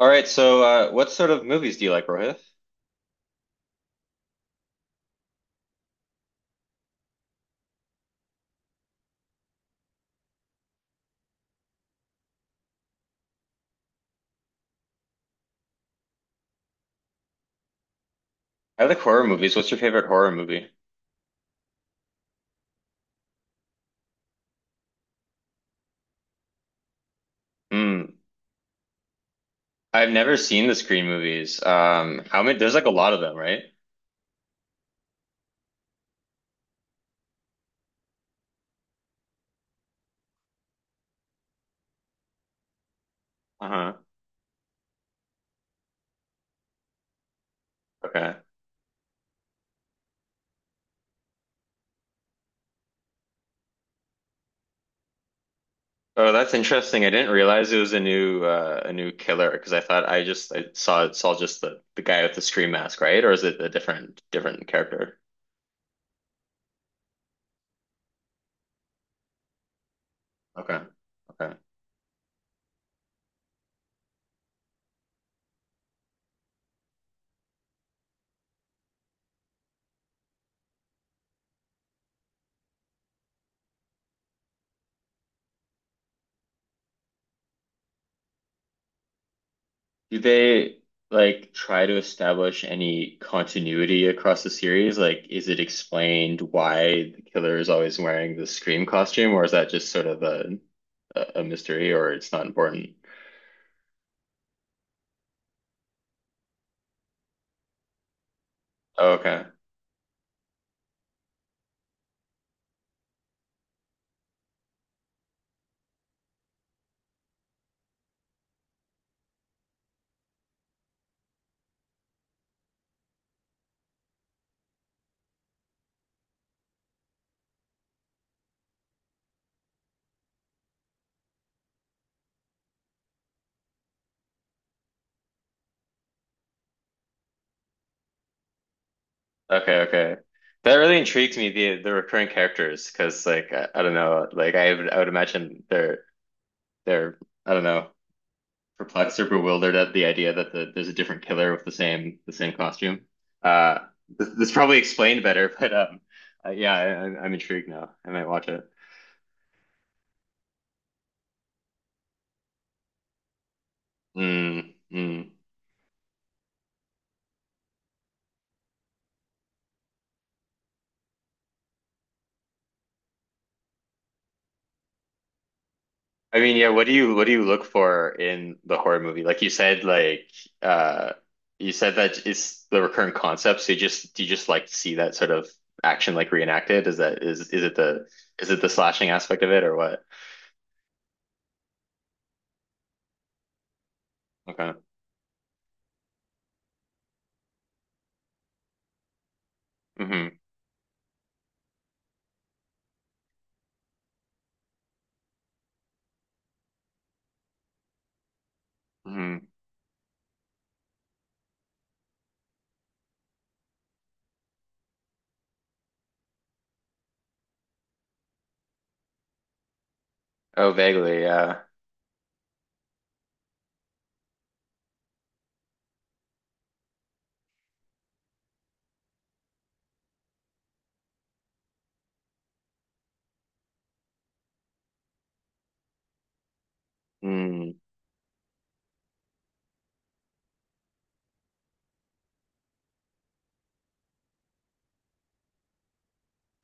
All right, so what sort of movies do you like, Rohith? I like horror movies. What's your favorite horror movie? Hmm. I've never seen the Scream movies. How many? There's like a lot of them, right? Uh-huh. Okay. Oh, that's interesting. I didn't realize it was a new killer, because I thought I saw just the guy with the Scream mask, right? Or is it a different character? Okay. Okay. Do they like try to establish any continuity across the series? Like, is it explained why the killer is always wearing the Scream costume, or is that just sort of a a mystery, or it's not important? Oh, okay, okay, okay. That really intrigues me, the recurring characters, because, like, I don't know, like I would imagine they're, I don't know, perplexed or bewildered at the idea that there's a different killer with the same costume. Uh, this probably explained better, but yeah, I'm intrigued now. I might watch it. Mm, mm. I mean, yeah, what do you look for in the horror movie? Like uh, you said that it's the recurrent concept. So you just do you just like to see that sort of action like reenacted? Is it the slashing aspect of it or what? Okay. Hmm. Hmm. Oh, vaguely, yeah. Mm.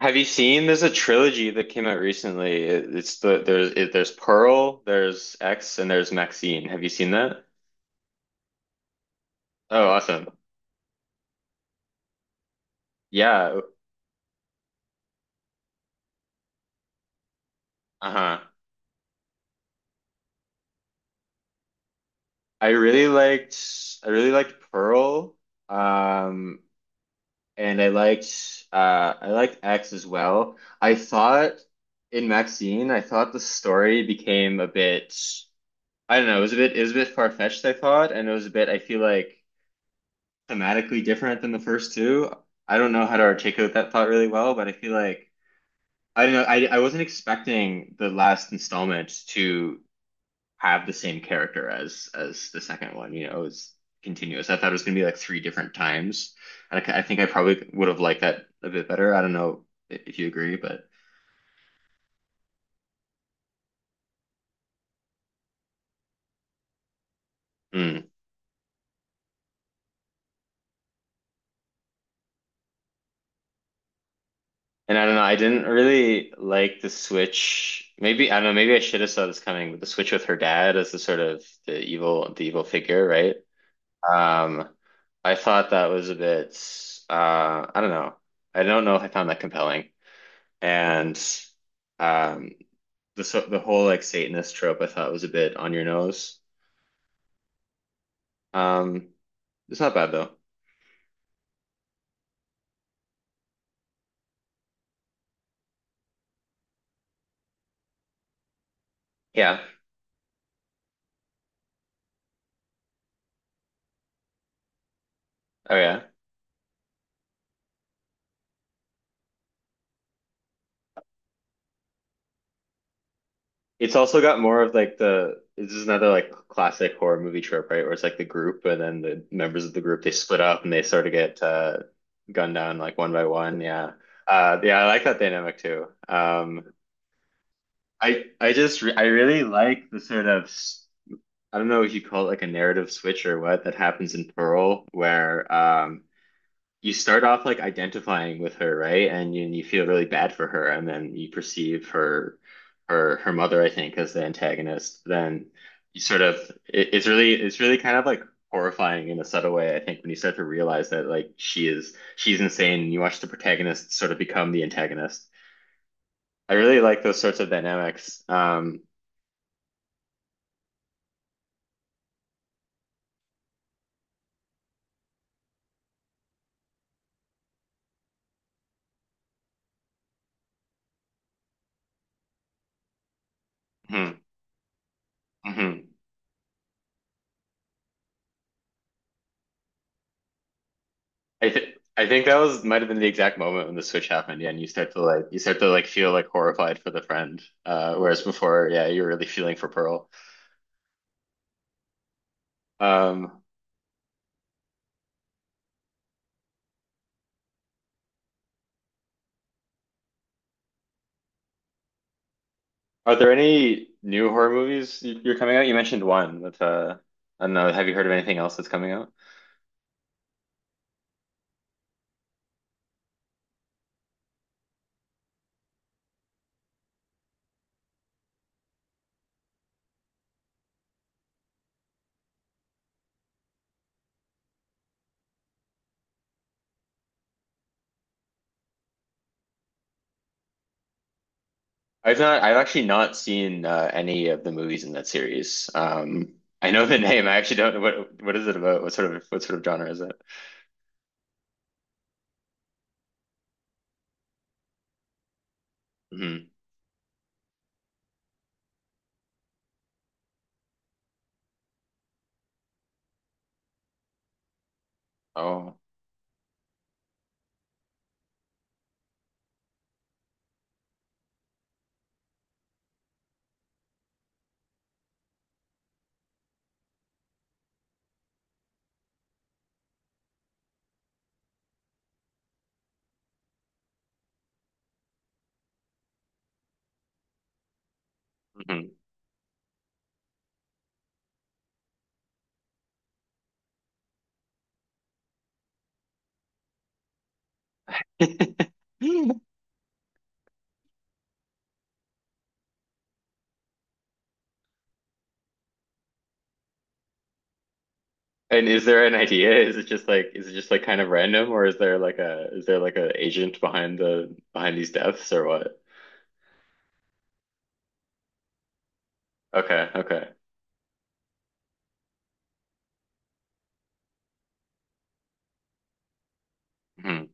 Have you seen? There's a trilogy that came out recently. It, it's the there's it, there's Pearl, there's X, and there's Maxine. Have you seen that? Oh, awesome. Yeah. Uh-huh. I really liked I really liked Pearl. Um, and I liked X as well. I thought in Maxine, I thought the story became a bit, I don't know, it was a bit far-fetched, I thought, and it was a bit, I feel like, thematically different than the first two. I don't know how to articulate that thought really well, but I feel like, I don't know. I wasn't expecting the last installment to have the same character as the second one. You know, it was continuous. I thought it was gonna be like three different times, and I think I probably would have liked that a bit better. I don't know if you agree, but mm. And I don't know. I didn't really like the switch. Maybe I don't know. Maybe I should have saw this coming, but the switch with her dad as the sort of the evil figure, right? Um, I thought that was a bit, I don't know. I don't know if I found that compelling. And um, the so the whole like Satanist trope I thought was a bit on your nose. Um, it's not bad though. Yeah. Oh yeah. It's also got more of like the this is another like classic horror movie trope, right? Where it's like the group, and then the members of the group they split up and they sort of get gunned down like one by one. Yeah. Yeah, I like that dynamic too. I just re I really like the sort of s-. I don't know if you call it like a narrative switch or what that happens in Pearl where you start off like identifying with her, right, and you feel really bad for her and then you perceive her mother, I think, as the antagonist, then you sort of it's really kind of like horrifying in a subtle way, I think, when you start to realize that like she's insane and you watch the protagonist sort of become the antagonist. I really like those sorts of dynamics. Hmm. Hmm. I think that was might have been the exact moment when the switch happened. Yeah, and you start to like feel like horrified for the friend. Whereas before, yeah, you're really feeling for Pearl. Um, are there any new horror movies you're coming out? You mentioned one with I don't know. Have you heard of anything else that's coming out? I've not. I've actually not seen any of the movies in that series. I know the name. I actually don't know what is it about. What sort of genre is it? Hmm. Oh. Hmm. And is there an idea? Is it just like kind of random, or is there like a agent behind the behind these deaths or what? Okay, okay. Hmm.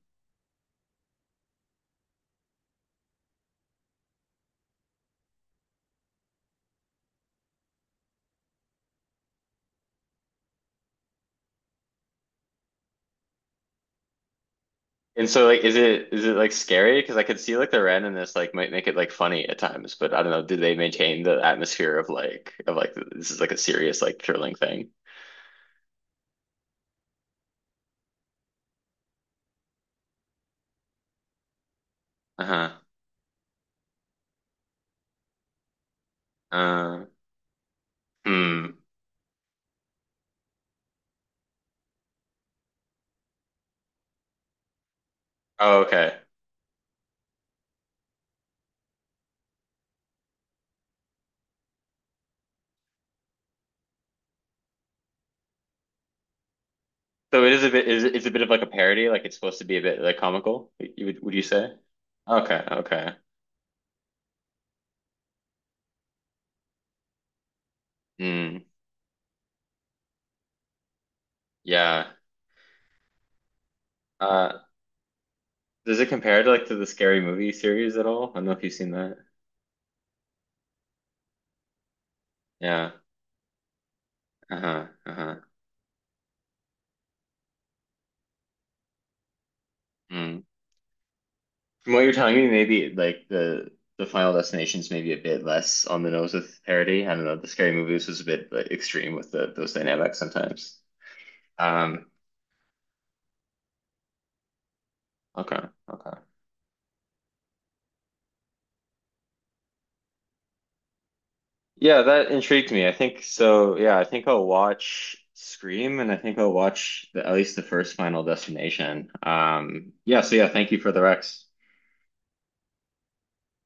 And so, like, is it like scary? Because I could see like the randomness like might make it like funny at times, but I don't know, do they maintain the atmosphere of like this is like a serious like thrilling thing? Uh-huh. Uh, hmm. Oh, okay. So it's a bit of like a parody, like it's supposed to be a bit like comical, you would you say? Okay, okay. Hmm. Yeah. Uh, does it compare to the Scary Movie series at all? I don't know if you've seen that. Yeah. Uh-huh. Uh-huh. Mm. From what you're telling me, maybe like the Final Destination's maybe a bit less on the nose with parody. I don't know. The Scary Movies was a bit, like, extreme with those dynamics sometimes. Um. Okay. Okay. Yeah, that intrigued me. I think so. Yeah, I think I'll watch Scream, and I think I'll watch at least the first Final Destination. Yeah. So yeah, thank you for the Rex.